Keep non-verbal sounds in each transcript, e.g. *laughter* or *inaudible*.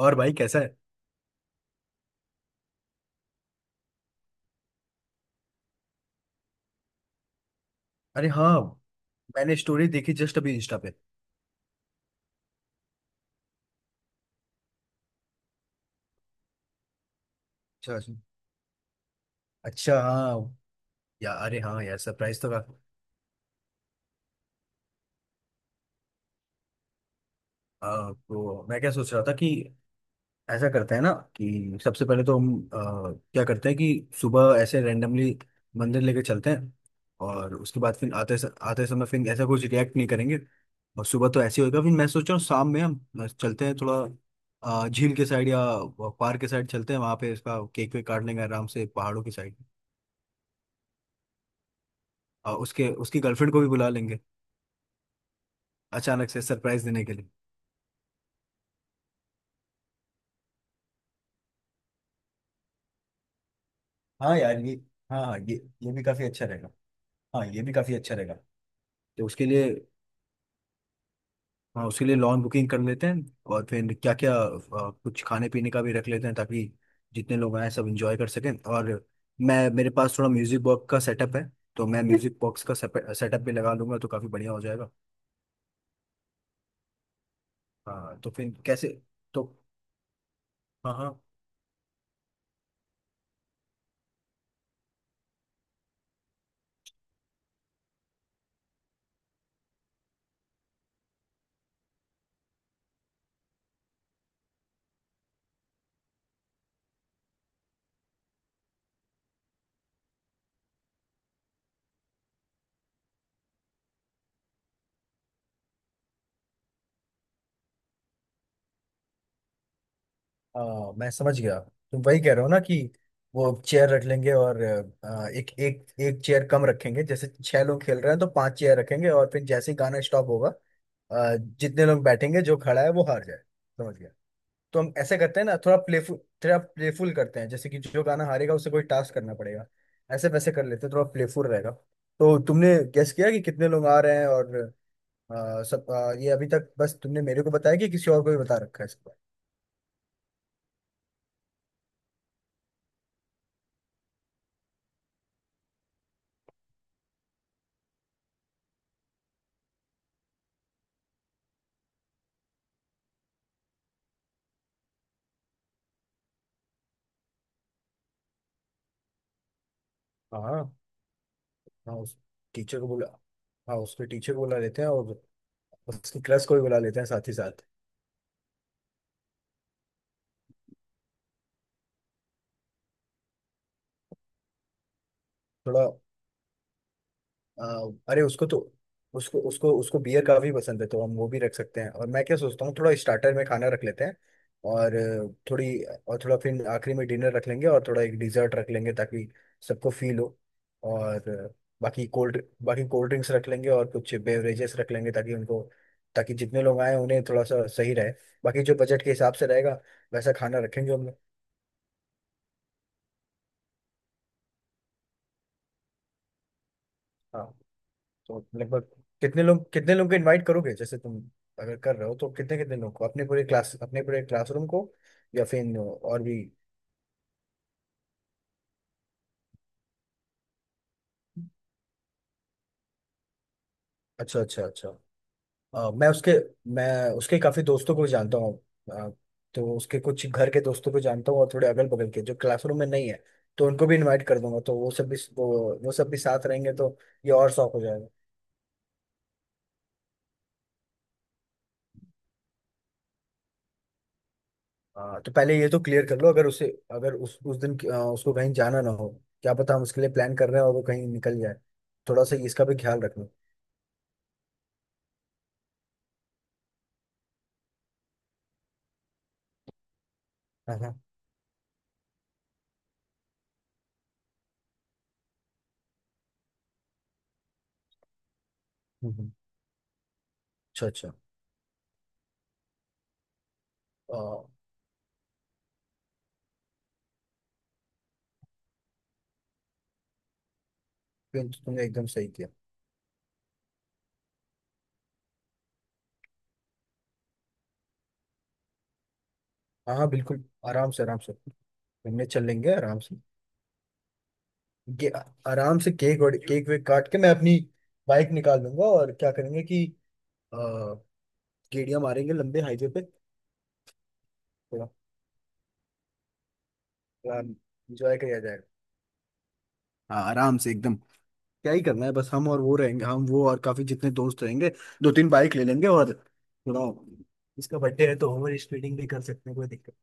और भाई कैसा है? अरे हाँ। मैंने स्टोरी देखी जस्ट अभी इंस्टा पे। अच्छा, अच्छा, अच्छा। हाँ यार, अरे हाँ यार, सरप्राइज तो का। तो मैं क्या सोच रहा था कि ऐसा करते हैं ना, कि सबसे पहले तो हम क्या करते हैं कि सुबह ऐसे रैंडमली मंदिर लेके चलते हैं। और उसके बाद फिर आते समय फिर ऐसा कुछ रिएक्ट नहीं करेंगे। और सुबह तो ऐसे ही होगा, फिर मैं सोच रहा हूँ शाम में हम चलते हैं थोड़ा झील के साइड या पार्क के साइड चलते हैं, वहाँ पे इसका केक वेक काट लेंगे आराम से, पहाड़ों की साइड। और उसके उसकी गर्लफ्रेंड को भी बुला लेंगे अचानक से सरप्राइज देने के लिए। हाँ यार ये। हाँ हाँ, ये भी काफी अच्छा रहेगा। हाँ ये भी काफी अच्छा रहेगा। तो उसके लिए, हाँ उसके लिए लॉन बुकिंग कर लेते हैं। और फिर क्या क्या, कुछ खाने पीने का भी रख लेते हैं ताकि जितने लोग आए सब एंजॉय कर सकें। और मैं मेरे पास थोड़ा म्यूजिक बॉक्स का सेटअप है, तो मैं म्यूजिक बॉक्स का सेटअप भी लगा लूंगा, तो काफी बढ़िया हो जाएगा। हाँ तो फिर कैसे? तो हाँ हाँ। हाँ मैं समझ गया। तुम वही कह रहे हो ना, कि वो चेयर रख लेंगे और एक एक एक चेयर कम रखेंगे, जैसे छह लोग खेल रहे हैं तो पांच चेयर रखेंगे, और फिर जैसे ही गाना स्टॉप होगा जितने लोग बैठेंगे, जो खड़ा है वो हार जाए। समझ गया। तो हम ऐसे करते हैं ना, थोड़ा प्लेफुल। थोड़ा प्लेफुल करते हैं, जैसे कि जो गाना हारेगा उसे कोई टास्क करना पड़ेगा, ऐसे वैसे कर लेते हैं, थोड़ा प्लेफुल रहेगा। तो तुमने गेस किया कि कितने लोग आ रहे हैं, और सब ये अभी तक बस तुमने मेरे को बताया कि किसी और को भी बता रखा है इसके बारे में? हाँ उस टीचर को बुला हाँ उसके टीचर को बुला लेते हैं, और उसकी क्लास को भी बुला लेते हैं साथ ही साथ। थोड़ा आ, अरे उसको तो, उसको उसको उसको बियर काफी पसंद है, तो हम वो भी रख सकते हैं। और मैं क्या सोचता हूँ, थोड़ा स्टार्टर में खाना रख लेते हैं, और थोड़ी और थोड़ा फिर आखिरी में डिनर रख लेंगे, और थोड़ा एक डिजर्ट रख लेंगे ताकि सबको फील हो। और बाकी कोल्ड ड्रिंक्स रख लेंगे, और कुछ बेवरेजेस रख लेंगे ताकि उनको, ताकि जितने लोग आए उन्हें थोड़ा सा सही रहे। बाकी जो बजट के हिसाब से रहेगा, वैसा खाना रखेंगे हम। हाँ तो लगभग कितने लोग, कितने लोग को इनवाइट करोगे? जैसे तुम अगर कर रहे हो तो कितने कितने लोग को? अपने पूरे क्लासरूम को, या फिर और भी। अच्छा, अच्छा, अच्छा। अ, मैं उसके मैं उसके काफी दोस्तों को जानता हूँ। अ, तो उसके कुछ घर के दोस्तों को जानता हूँ, और थोड़े अगल बगल के जो क्लासरूम में नहीं है, तो उनको भी इनवाइट कर दूंगा। तो वो सब भी साथ रहेंगे, तो ये और शौक हो। हाँ तो पहले ये तो क्लियर कर लो, अगर उसे, अगर उस दिन उसको कहीं जाना ना हो। क्या पता हम उसके लिए प्लान कर रहे हैं और वो कहीं निकल जाए, थोड़ा सा इसका भी ख्याल रखना। हाँ हाँ। हम्म। अच्छा, अच्छा। अ, ये तो तुमने एकदम सही किया। हाँ हाँ बिल्कुल, आराम से, आराम से घूमने चल लेंगे आराम से। ये आराम से केक और केक वेक काट के मैं अपनी बाइक निकाल दूंगा, और क्या करेंगे कि अ, गेड़िया मारेंगे लंबे हाईवे पे, थोड़ा इंजॉय किया जाएगा। हाँ आराम से एकदम। क्या ही करना है, बस हम और वो रहेंगे, हम वो और काफी जितने दोस्त रहेंगे। दो तीन बाइक ले लेंगे, और थोड़ा, इसका बर्थडे है तो ओवर स्पीडिंग भी कर सकते हैं, कोई दिक्कत।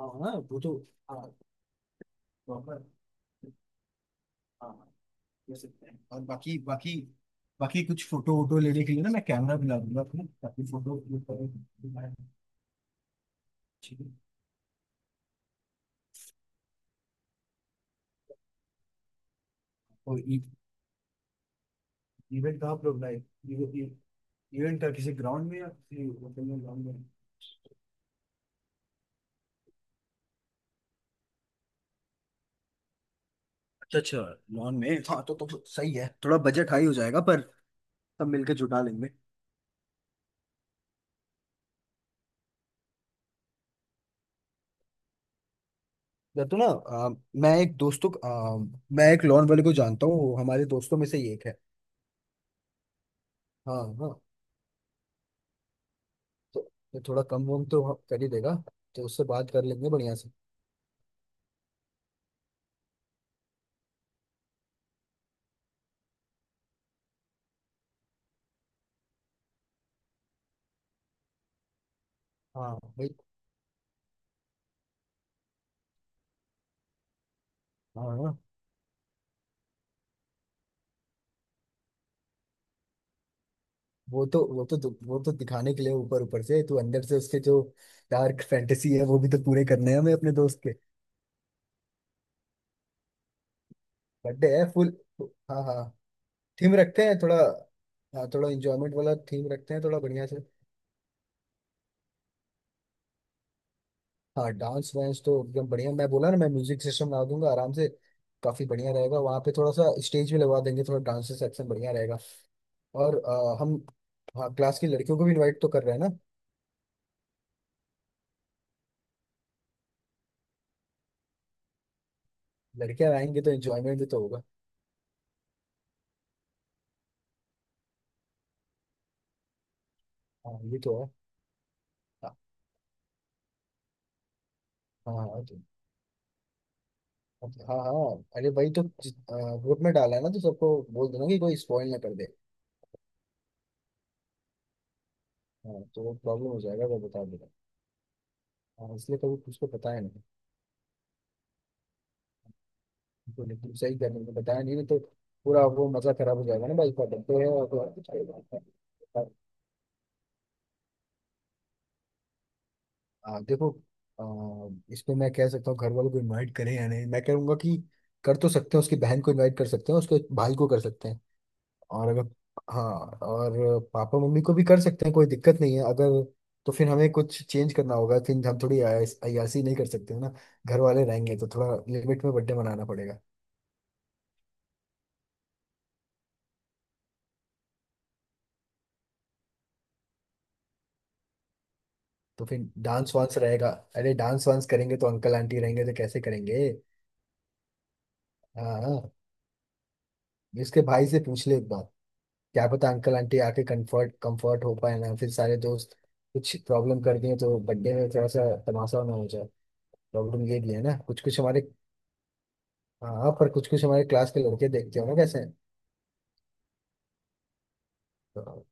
हाँ हाँ, वो तो। हाँ proper, हाँ, ले सकते हैं। और बाकी बाकी बाकी कुछ फोटो वोटो लेने के लिए ना, मैं कैमरा भी ला दूंगा अपना ताकि फोटो क्लिक करें, ठीक है। और इवेंट कहाँ, प्रोग्राम है इवेंट का? किसी ग्राउंड में या किसी होटल में? ग्राउंड में? अच्छा, अच्छा, लॉन में। हाँ तो सही है। थोड़ा बजट हाई हो जाएगा पर सब मिलके जुटा लेंगे। या तो ना मैं एक दोस्तों को- आ, मैं एक लोन वाले को जानता हूँ, वो हमारे दोस्तों में से ही एक है। हाँ हाँ। तो तो थोड़ा कम वम तो वहाँ कर ही देगा। तो उससे बात कर लेंगे बढ़िया से। हाँ भाई। हाँ हाँ, वो तो दिखाने के लिए ऊपर ऊपर से। तू अंदर से उसके जो डार्क फैंटेसी है वो भी तो पूरे करने हैं हमें अपने दोस्त के। बर्थडे है फुल। तो हाँ हाँ, थीम रखते हैं थोड़ा। हाँ थोड़ा इंजॉयमेंट वाला थीम रखते हैं थोड़ा बढ़िया से। हाँ डांस वांस तो एकदम बढ़िया। मैं बोला ना मैं म्यूजिक सिस्टम लगा दूंगा आराम से। काफी बढ़िया रहेगा, वहाँ पे थोड़ा सा स्टेज भी लगवा देंगे, थोड़ा डांस सेक्शन बढ़िया रहेगा। और हम, हाँ क्लास की लड़कियों को भी इनवाइट तो कर रहे हैं ना। लड़कियां आएंगी तो एंजॉयमेंट भी तो होगा। हाँ ये तो है। हाँ हाँ हाँ, हाँ हाँ, अरे भाई तो ग्रुप में डाला है ना, तो सबको बोल देना कि कोई स्पॉइल ना कर दे। हाँ तो वो प्रॉब्लम हो जाएगा, वो बता देगा। हाँ इसलिए कभी उसको पता है, तो लेकिन सही करने को बताया नहीं, नहीं तो पूरा वो मजा खराब हो जाएगा ना भाई। पकड़ते तो है और तो देखो। इस पे मैं कह सकता हूँ, घर वालों को इनवाइट करें या नहीं? मैं कहूंगा कि कर तो सकते हैं, उसकी बहन को इनवाइट कर सकते हैं, उसके भाई को कर सकते हैं, और अगर, हाँ, और पापा मम्मी को भी कर सकते हैं, कोई दिक्कत नहीं है। अगर, तो फिर हमें कुछ चेंज करना होगा, फिर हम थोड़ी अय्यासी नहीं कर सकते हैं ना। घर वाले रहेंगे तो थोड़ा लिमिट में बर्थडे मनाना पड़ेगा। तो फिर डांस वांस रहेगा? अरे डांस वांस करेंगे तो, अंकल आंटी रहेंगे तो कैसे करेंगे? हाँ हाँ, इसके भाई से पूछ ले एक बार। क्या पता, अंकल आंटी आके कंफर्ट, कंफर्ट हो पाए ना फिर सारे दोस्त कुछ प्रॉब्लम कर दिए तो बर्थडे में थोड़ा सा तमाशा ना हो जाए। प्रॉब्लम ये भी है ना कुछ कुछ हमारे। हाँ पर कुछ कुछ हमारे क्लास के लड़के देखते हो ना कैसे हैं। तो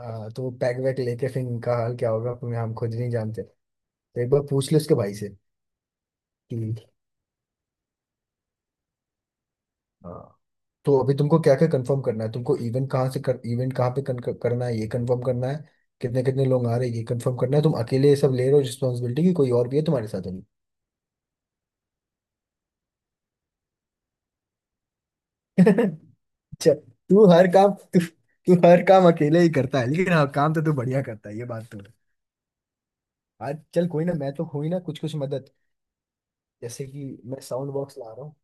हाँ, तो पैक वैक लेके फिर इनका हाल क्या होगा फिर हम खुद नहीं जानते। तो एक बार पूछ ले उसके भाई से कि। हाँ तो अभी तुमको क्या क्या कंफर्म करना है? तुमको इवेंट कहाँ से कर, इवेंट कहाँ पे करना है, ये कंफर्म करना है। कितने कितने लोग आ रहे हैं, ये कंफर्म करना है। तुम अकेले ये सब ले रहे हो रिस्पॉन्सिबिलिटी की, कोई और भी है तुम्हारे साथ अभी? *laughs* अच्छा, तू हर काम अकेले ही करता है, लेकिन हाँ काम तो तू बढ़िया करता है, ये बात तो है। आज चल, कोई ना, मैं तो हुई ना कुछ कुछ मदद। जैसे कि मैं साउंड बॉक्स ला रहा हूँ।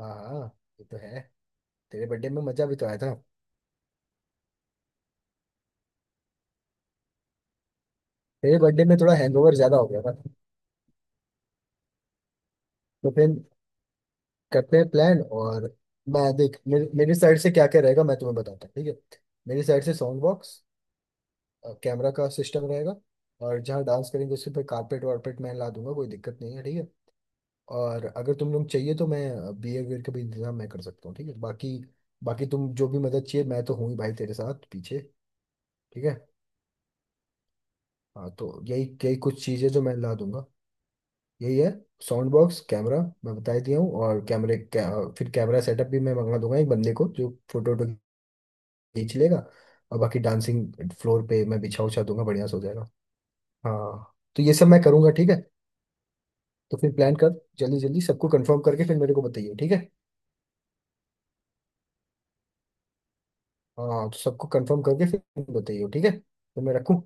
हाँ हाँ, ये तो है। तेरे बर्थडे में मजा भी तो आया था। तेरे बर्थडे में थोड़ा हैंगओवर ज्यादा हो गया था। तो फिर करते हैं प्लान, और मेरी साइड से क्या क्या रहेगा मैं तुम्हें बताता हूँ, ठीक है? मेरी साइड से साउंड बॉक्स, कैमरा का सिस्टम रहेगा। और जहाँ डांस करेंगे उसके पे कारपेट वारपेट मैं ला दूंगा, कोई दिक्कत नहीं है, ठीक है। और अगर तुम लोग चाहिए तो मैं बियर वियर का भी इंतजाम मैं कर सकता हूँ, ठीक है। बाकी बाकी तुम जो भी मदद चाहिए मैं तो हूँ ही भाई तेरे साथ पीछे, ठीक है। हाँ तो यही यही कुछ चीज़ें जो मैं ला दूंगा। यही है साउंड बॉक्स, कैमरा, मैं बता ही दिया हूँ। और फिर कैमरा सेटअप भी मैं मंगा दूंगा, एक बंदे को जो फोटो वोटो। ये चलेगा। और बाकी डांसिंग फ्लोर पे मैं बिछा उछा दूंगा, बढ़िया से हो जाएगा। हाँ तो ये सब मैं करूंगा, ठीक है। तो फिर प्लान कर, जल्दी जल्दी सबको कंफर्म करके फिर मेरे को बताइए, ठीक है। हाँ तो सबको कंफर्म करके फिर बताइए, ठीक है। तो मैं रखूँ?